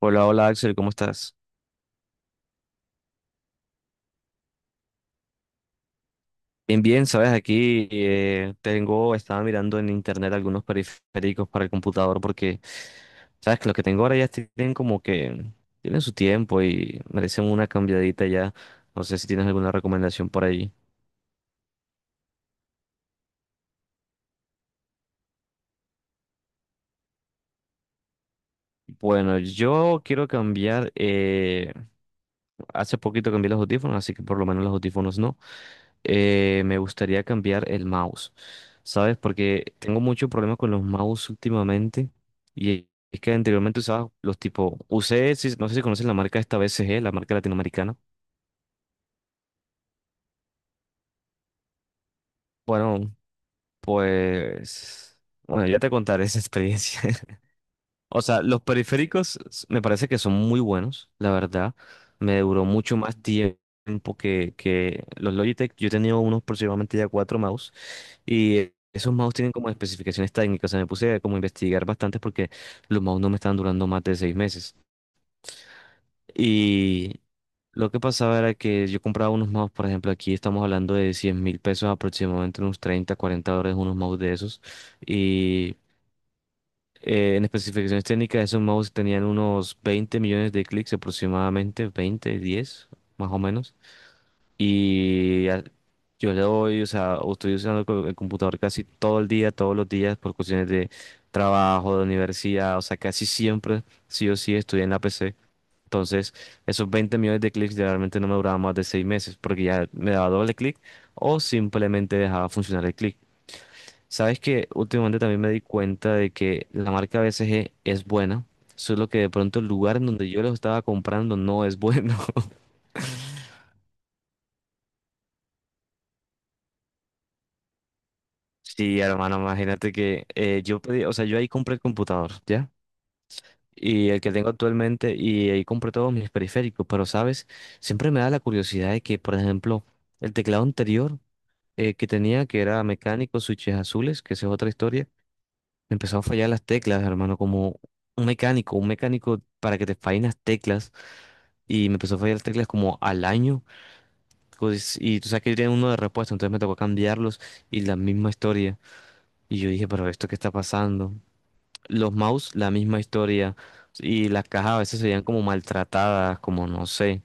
Hola, hola Axel, ¿cómo estás? Bien, bien, sabes, aquí tengo, estaba mirando en internet algunos periféricos para el computador porque, sabes, que los que tengo ahora ya tienen como que, tienen su tiempo y merecen una cambiadita ya. No sé si tienes alguna recomendación por ahí. Bueno, yo quiero cambiar hace poquito cambié los audífonos, así que por lo menos los audífonos no. Me gustaría cambiar el mouse, ¿sabes? Porque tengo mucho problema con los mouse últimamente. Y es que anteriormente usaba los tipo, usé, no sé si conocen la marca esta BCG, la marca latinoamericana. Bueno, pues, bueno, ya te contaré esa experiencia. O sea, los periféricos me parece que son muy buenos, la verdad. Me duró mucho más tiempo que los Logitech. Yo he tenido unos aproximadamente ya 4 mouse y esos mouse tienen como especificaciones técnicas. O sea, me puse como a investigar bastante porque los mouse no me estaban durando más de 6 meses. Y lo que pasaba era que yo compraba unos mouse, por ejemplo, aquí estamos hablando de 100.000 pesos aproximadamente, unos 30, 40 dólares unos mouse de esos. En especificaciones técnicas, esos mouse tenían unos 20 millones de clics aproximadamente, 20, 10, más o menos. Y a- yo le doy, o sea, estoy usando el computador casi todo el día, todos los días, por cuestiones de trabajo, de universidad, o sea, casi siempre, sí o sí, estoy en la PC. Entonces, esos 20 millones de clics generalmente no me duraban más de 6 meses, porque ya me daba doble clic o simplemente dejaba funcionar el clic. Sabes que últimamente también me di cuenta de que la marca a veces es buena, solo que de pronto el lugar en donde yo los estaba comprando no es bueno. Sí, hermano, imagínate que yo pedí, o sea, yo ahí compré el computador, ¿ya? Y el que tengo actualmente, y ahí compré todos mis periféricos, pero, ¿sabes? Siempre me da la curiosidad de que, por ejemplo, el teclado anterior que tenía, que era mecánico, switches azules, que esa es otra historia, me empezó a fallar las teclas, hermano, como un mecánico para que te fallen las teclas. Y me empezó a fallar las teclas como al año. Pues, y tú sabes que yo tenía uno de repuesto, entonces me tocó cambiarlos y la misma historia. Y yo dije, pero ¿esto qué está pasando? Los mouse, la misma historia. Y las cajas a veces se veían como maltratadas, como no sé.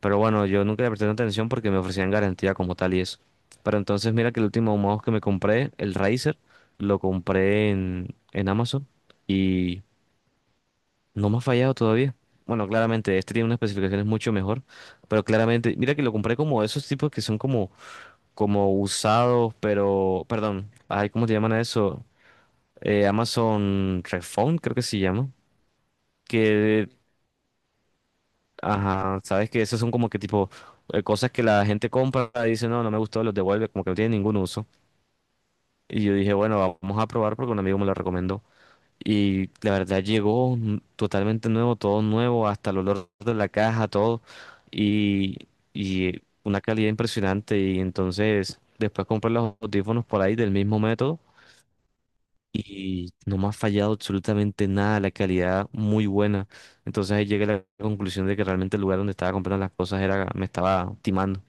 Pero bueno, yo nunca le presté tanta atención porque me ofrecían garantía como tal y eso. Pero entonces mira que el último mouse que me compré, el Razer, lo compré en Amazon. No me ha fallado todavía. Bueno, claramente, este tiene unas especificaciones mucho mejor, pero claramente, mira que lo compré como esos tipos que son como, como usados, pero, perdón, ay, ¿cómo te llaman a eso? Amazon Refund, creo que se llama. Que, ajá, sabes que esos son como que tipo cosas que la gente compra y dice, no, no me gustó, los devuelve, como que no tiene ningún uso. Y yo dije, bueno, vamos a probar porque un amigo me lo recomendó. Y la verdad llegó totalmente nuevo, todo nuevo, hasta el olor de la caja, todo. Y, y una calidad impresionante. Y entonces después compré los audífonos por ahí del mismo método. Y no me ha fallado absolutamente nada, la calidad muy buena. Entonces ahí llegué a la conclusión de que realmente el lugar donde estaba comprando las cosas era, me estaba timando.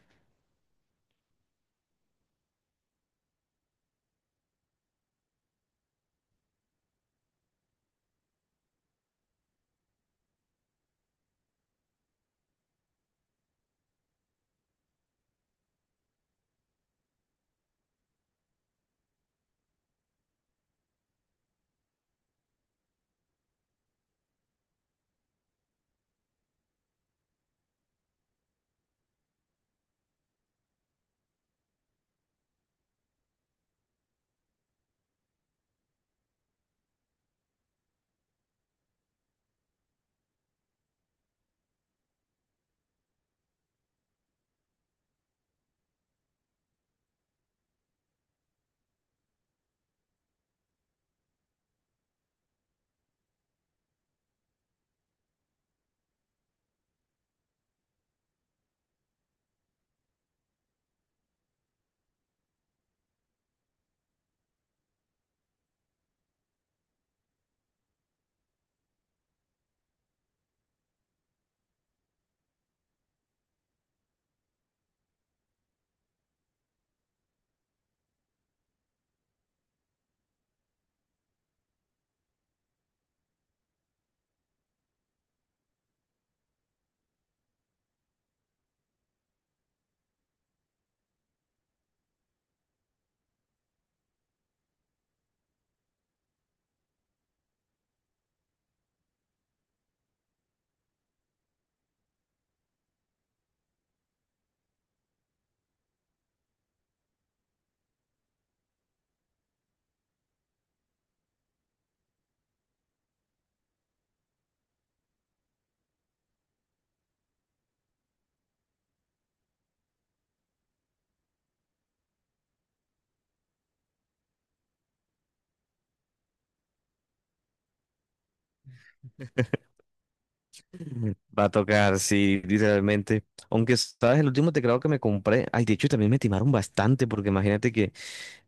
Va a tocar, sí, literalmente. Aunque, ¿sabes? El último teclado que me compré, ay, de hecho también me timaron bastante, porque imagínate que...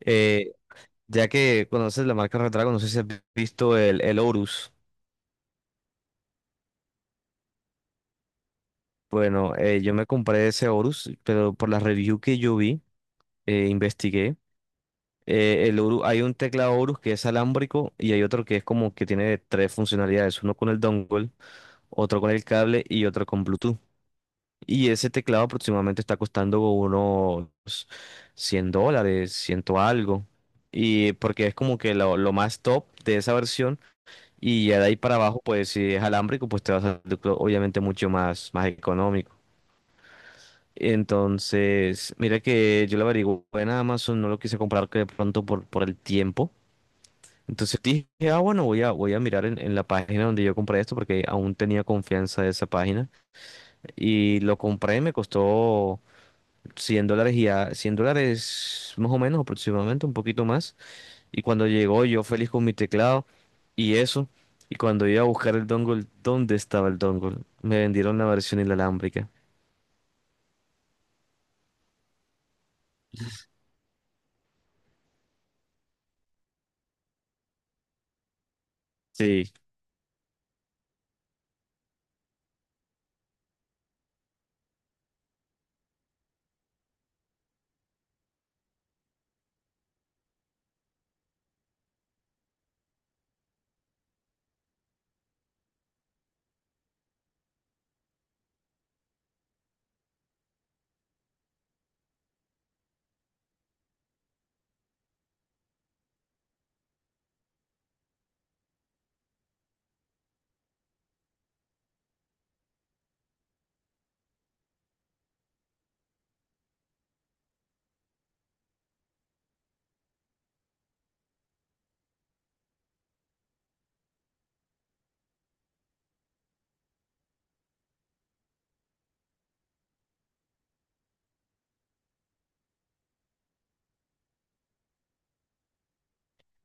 eh, ya que conoces la marca Retrago, no sé si has visto el Horus. Bueno, yo me compré ese Horus, pero por la review que yo vi, investigué. El Horus, hay un teclado Horus que es alámbrico y hay otro que es como que tiene tres funcionalidades: uno con el dongle, otro con el cable y otro con Bluetooth. Y ese teclado aproximadamente está costando unos 100 dólares, ciento algo. Y porque es como que lo más top de esa versión. Y ya de ahí para abajo, pues si es alámbrico, pues te va a salir obviamente mucho más, más económico. Entonces, mira que yo lo averigué en Amazon, no lo quise comprar que de pronto por el tiempo. Entonces dije, ah, bueno, voy a mirar en la página donde yo compré esto porque aún tenía confianza de esa página. Y lo compré, me costó 100 dólares y a 100 dólares más o menos aproximadamente, un poquito más. Y cuando llegó yo feliz con mi teclado. Y eso, y cuando iba a buscar el dongle, ¿dónde estaba el dongle? Me vendieron la versión inalámbrica. Sí.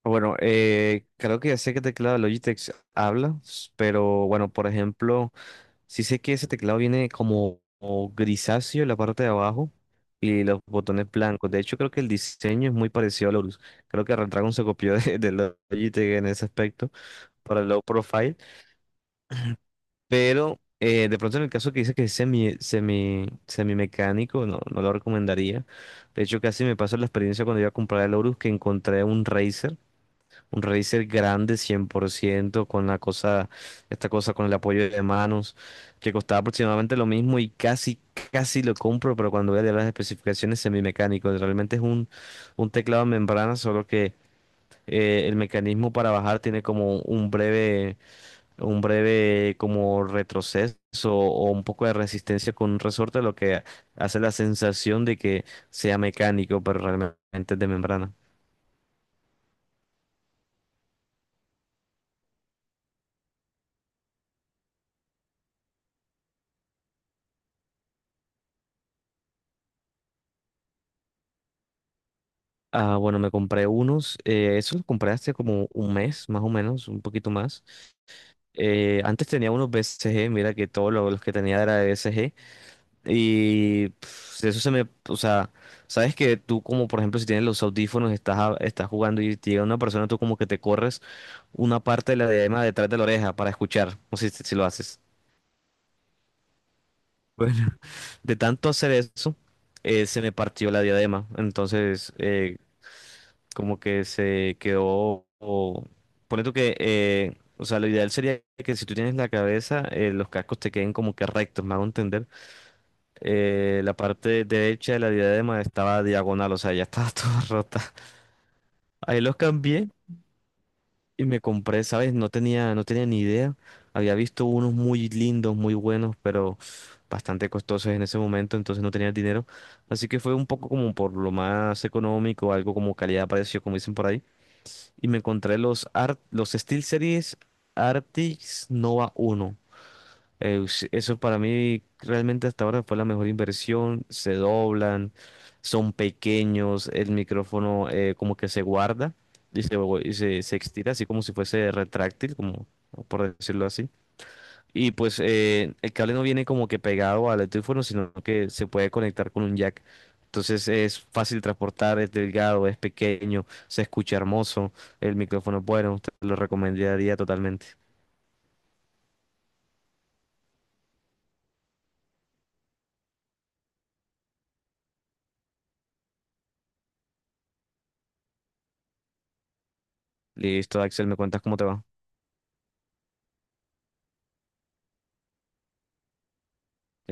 Bueno, creo que ya sé qué teclado de Logitech habla, pero bueno, por ejemplo, sí sé que ese teclado viene como, como grisáceo en la parte de abajo y los botones blancos. De hecho, creo que el diseño es muy parecido a Lorus. Creo que Retragon se copió de Logitech en ese aspecto para el low profile. Pero de pronto en el caso que dice que es semimecánico, no, no lo recomendaría. De hecho, casi me pasó la experiencia cuando iba a comprar el Horus que encontré un Razer grande 100% con la cosa, esta cosa con el apoyo de manos, que costaba aproximadamente lo mismo y casi, casi lo compro, pero cuando voy a leer las especificaciones semimecánico, realmente es un teclado de membrana, solo que el mecanismo para bajar tiene como un breve como retroceso o un poco de resistencia con un resorte, lo que hace la sensación de que sea mecánico, pero realmente es de membrana. Ah, bueno, me compré unos, esos los compré hace como 1 mes, más o menos, un poquito más. Antes tenía unos BCG, mira que todos los que tenía era de BCG. Y pf, eso se me, o sea, sabes que tú como por ejemplo si tienes los audífonos, estás, estás jugando y te llega una persona, tú como que te corres una parte de la diadema detrás de la oreja para escuchar. No sé si, si lo haces. Bueno, de tanto hacer eso, se me partió la diadema. Entonces, como que se quedó. O, ponle tú que. O sea, lo ideal sería que si tú tienes la cabeza, los cascos te queden como que rectos, me hago entender. La parte derecha de la diadema estaba diagonal, o sea, ya estaba toda rota. Ahí los cambié. Y me compré, ¿sabes? No tenía ni idea. Había visto unos muy lindos, muy buenos, pero bastante costosos en ese momento, entonces no tenía el dinero. Así que fue un poco como por lo más económico, algo como calidad-precio, como dicen por ahí. Y me encontré los, los SteelSeries Arctis Nova 1 eso para mí realmente hasta ahora fue la mejor inversión. Se doblan, son pequeños, el micrófono como que se guarda y se, y se, se estira así como si fuese retráctil, como por decirlo así. Y pues el cable no viene como que pegado al teléfono, sino que se puede conectar con un jack. Entonces es fácil transportar, es delgado, es pequeño, se escucha hermoso, el micrófono es bueno, te lo recomendaría totalmente. Listo, Axel, ¿me cuentas cómo te va?